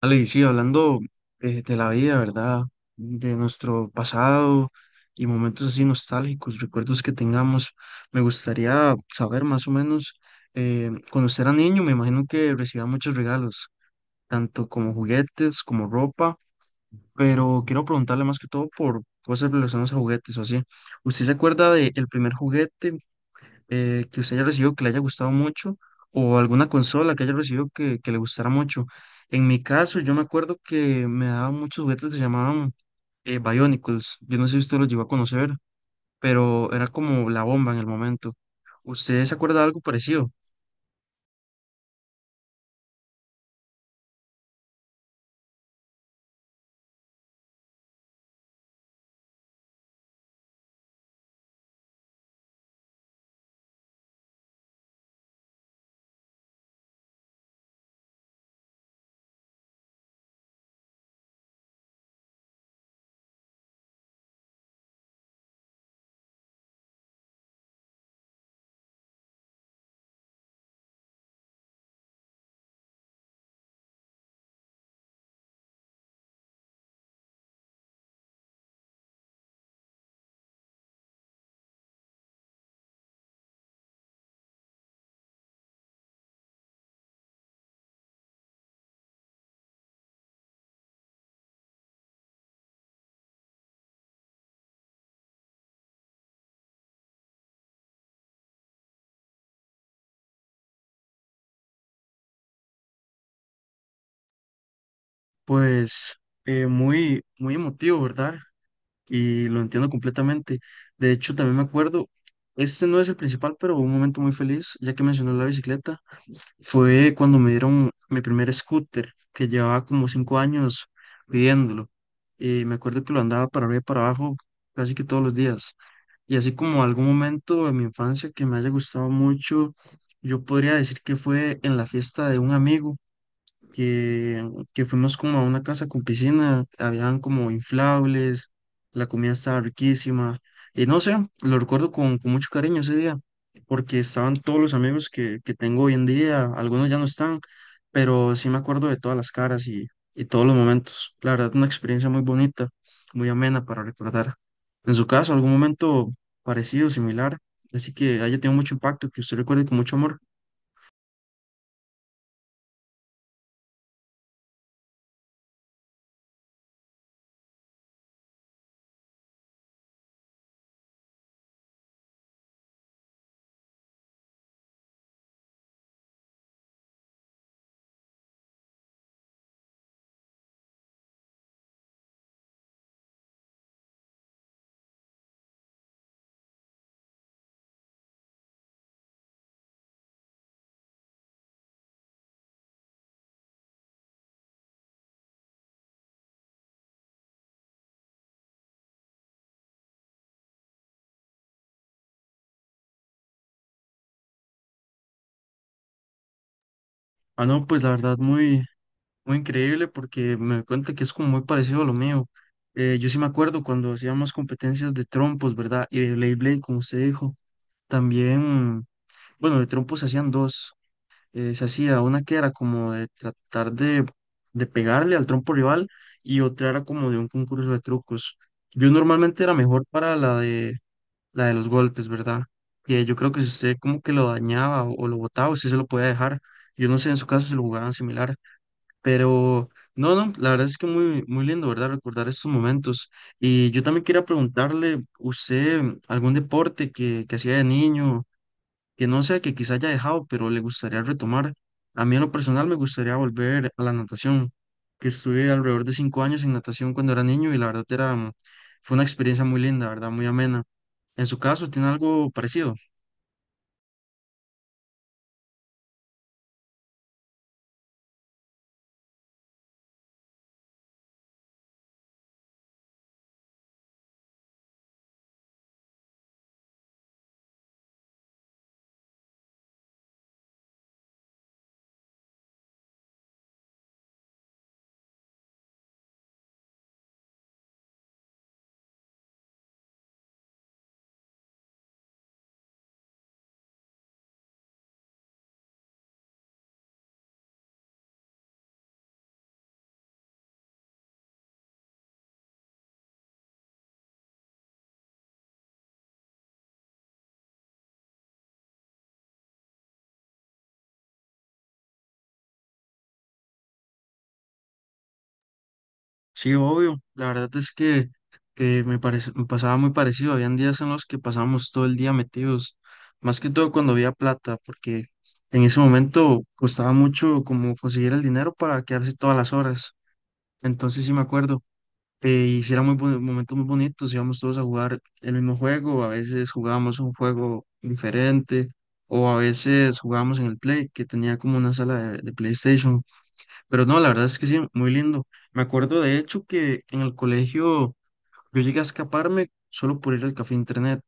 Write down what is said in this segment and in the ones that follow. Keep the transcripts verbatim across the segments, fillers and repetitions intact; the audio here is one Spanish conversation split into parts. Ale, y sí, hablando eh, de la vida, ¿verdad? De nuestro pasado y momentos así nostálgicos, recuerdos que tengamos, me gustaría saber más o menos, eh, cuando usted era niño, me imagino que recibía muchos regalos, tanto como juguetes, como ropa, pero quiero preguntarle más que todo por cosas relacionadas a juguetes o así. ¿Usted se acuerda del primer juguete eh, que usted haya recibido que le haya gustado mucho o alguna consola que haya recibido que, que le gustara mucho? En mi caso, yo me acuerdo que me daban muchos juguetes que se llamaban eh, Bionicles. Yo no sé si usted los llegó a conocer, pero era como la bomba en el momento. ¿Usted se acuerda de algo parecido? Pues eh, muy, muy emotivo, ¿verdad? Y lo entiendo completamente. De hecho, también me acuerdo, este no es el principal, pero un momento muy feliz, ya que mencionó la bicicleta. Fue cuando me dieron mi primer scooter, que llevaba como cinco años pidiéndolo. Y me acuerdo que lo andaba para arriba y para abajo casi que todos los días. Y así como algún momento de mi infancia que me haya gustado mucho, yo podría decir que fue en la fiesta de un amigo que, que fuimos como a una casa con piscina, habían como inflables, la comida estaba riquísima, y no sé, lo recuerdo con, con mucho cariño ese día, porque estaban todos los amigos que, que tengo hoy en día, algunos ya no están, pero sí me acuerdo de todas las caras y, y todos los momentos. La verdad, una experiencia muy bonita, muy amena para recordar. En su caso, algún momento parecido, similar, así que haya tenido mucho impacto, que usted recuerde con mucho amor. Ah, no, pues la verdad, muy muy increíble, porque me doy cuenta que es como muy parecido a lo mío. Eh, yo sí me acuerdo cuando hacíamos competencias de trompos, ¿verdad? Y de Beyblade, como usted dijo. También, bueno, de trompos se hacían dos. Eh, se hacía una que era como de tratar de, de pegarle al trompo rival, y otra era como de un concurso de trucos. Yo normalmente era mejor para la de, la de los golpes, ¿verdad? Que yo creo que si usted como que lo dañaba o, o lo botaba, usted se lo podía dejar. Yo no sé en su caso si lo jugaban similar. Pero no, no, la verdad es que muy, muy lindo, ¿verdad? Recordar estos momentos. Y yo también quería preguntarle, ¿usted algún deporte que, que hacía de niño, que no sea que quizá haya dejado, pero le gustaría retomar? A mí en lo personal me gustaría volver a la natación, que estuve alrededor de cinco años en natación cuando era niño, y la verdad era, mm, fue una experiencia muy linda, ¿verdad? Muy amena. En su caso, ¿tiene algo parecido? Sí, obvio. La verdad es que, que me parece, me pasaba muy parecido. Habían días en los que pasábamos todo el día metidos, más que todo cuando había plata, porque en ese momento costaba mucho como conseguir el dinero para quedarse todas las horas. Entonces sí me acuerdo. Eh, y sí eran muy boni- momentos muy bonitos, íbamos todos a jugar el mismo juego, a veces jugábamos un juego diferente, o a veces jugábamos en el Play, que tenía como una sala de de PlayStation. Pero no, la verdad es que sí, muy lindo. Me acuerdo de hecho que en el colegio yo llegué a escaparme solo por ir al café internet.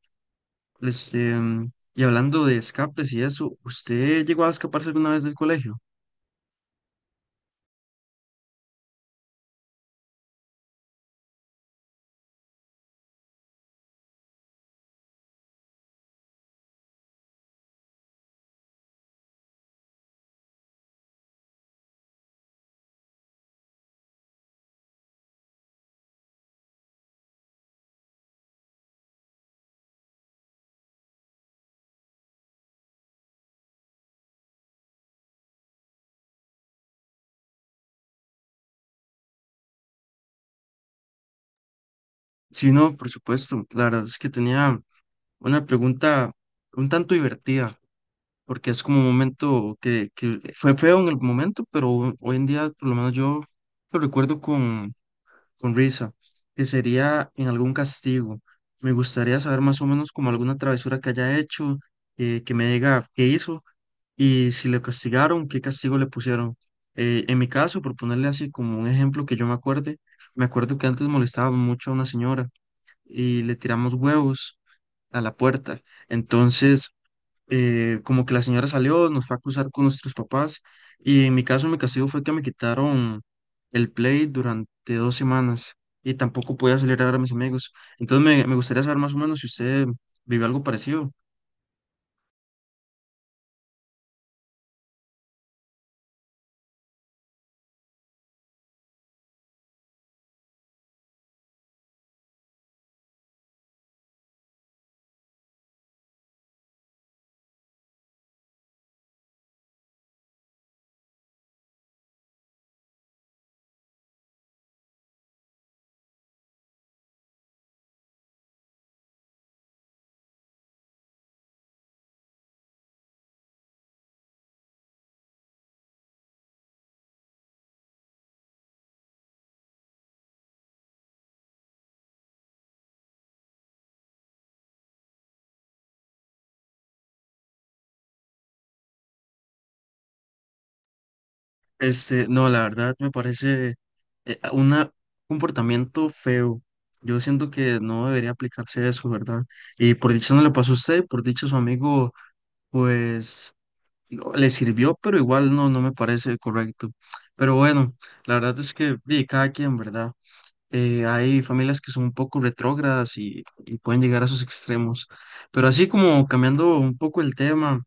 Este, mm, y hablando de escapes y eso, ¿usted llegó a escaparse alguna vez del colegio? Sí, no, por supuesto. La verdad es que tenía una pregunta un tanto divertida, porque es como un momento que, que fue feo en el momento, pero hoy en día por lo menos yo lo recuerdo con risa, que sería en algún castigo. Me gustaría saber más o menos como alguna travesura que haya hecho, eh, que me diga qué hizo y si le castigaron, qué castigo le pusieron. Eh, en mi caso, por ponerle así como un ejemplo que yo me acuerde, me acuerdo que antes molestaba mucho a una señora y le tiramos huevos a la puerta. Entonces, eh, como que la señora salió, nos fue a acusar con nuestros papás, y en mi caso mi castigo fue que me quitaron el Play durante dos semanas y tampoco podía salir a ver a mis amigos. Entonces me, me gustaría saber más o menos si usted vivió algo parecido. Este, no, la verdad me parece eh, a- una- un comportamiento feo. Yo siento que no debería aplicarse eso, ¿verdad? Y por dicho no le pasó a usted, por dicho su amigo, pues no, le sirvió, pero igual no, no me parece correcto. Pero bueno, la verdad es que di, cada quien, ¿verdad? Eh, hay familias que son un poco retrógradas y, y pueden llegar a sus extremos. Pero así como cambiando un poco el tema,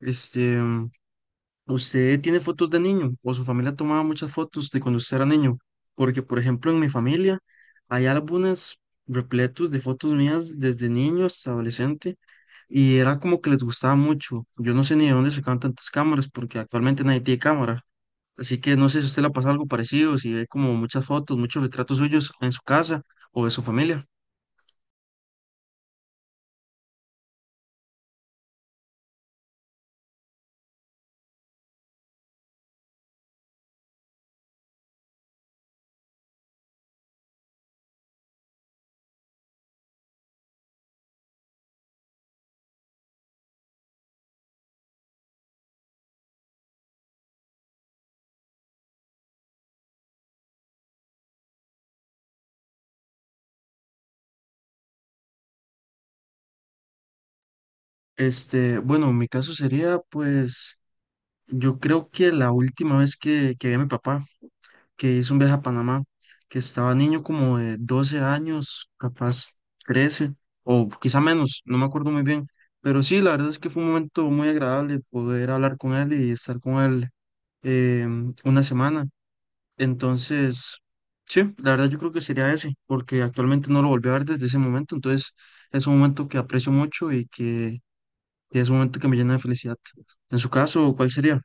este, ¿usted tiene fotos de niño o su familia tomaba muchas fotos de cuando usted era niño? Porque, por ejemplo, en mi familia hay álbumes repletos de fotos mías desde niño hasta adolescente, y era como que les gustaba mucho. Yo no sé ni de dónde sacaban tantas cámaras porque actualmente nadie tiene cámara. Así que no sé si a usted le pasa algo parecido, si ve como muchas fotos, muchos retratos suyos en su casa o de su familia. Este, bueno, mi caso sería pues yo creo que la última vez que, que vi a mi papá, que hizo un viaje a Panamá, que estaba niño como de doce años, capaz trece o quizá menos, no me acuerdo muy bien, pero sí, la verdad es que fue un momento muy agradable poder hablar con él y estar con él, eh, una semana. Entonces, sí, la verdad yo creo que sería ese, porque actualmente no lo volví a ver desde ese momento, entonces es un momento que aprecio mucho y que, que es un momento que me llena de felicidad. En su caso, ¿cuál sería?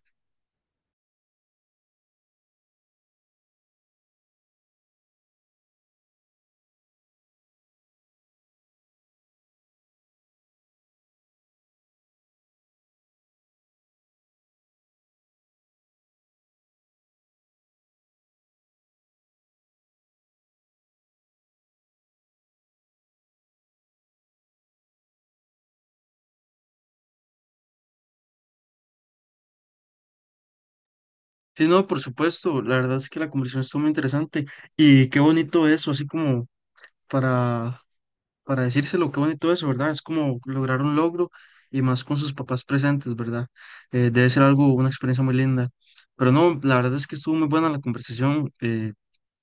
Sí, no, por supuesto, la verdad es que la conversación estuvo muy interesante, y qué bonito eso, así como para, para decírselo, qué bonito eso, ¿verdad? Es como lograr un logro, y más con sus papás presentes, ¿verdad? Eh, debe ser algo, una experiencia muy linda. Pero no, la verdad es que estuvo muy buena la conversación, eh,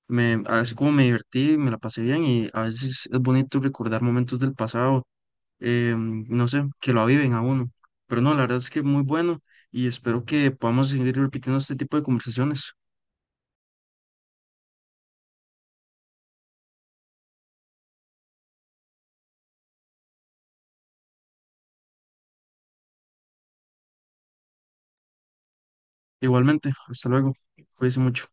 me, así como me divertí, me la pasé bien, y a veces es bonito recordar momentos del pasado, eh, no sé, que lo aviven a uno. Pero no, la verdad es que muy bueno, y espero que podamos seguir repitiendo este tipo de conversaciones. Igualmente, hasta luego. Cuídense mucho.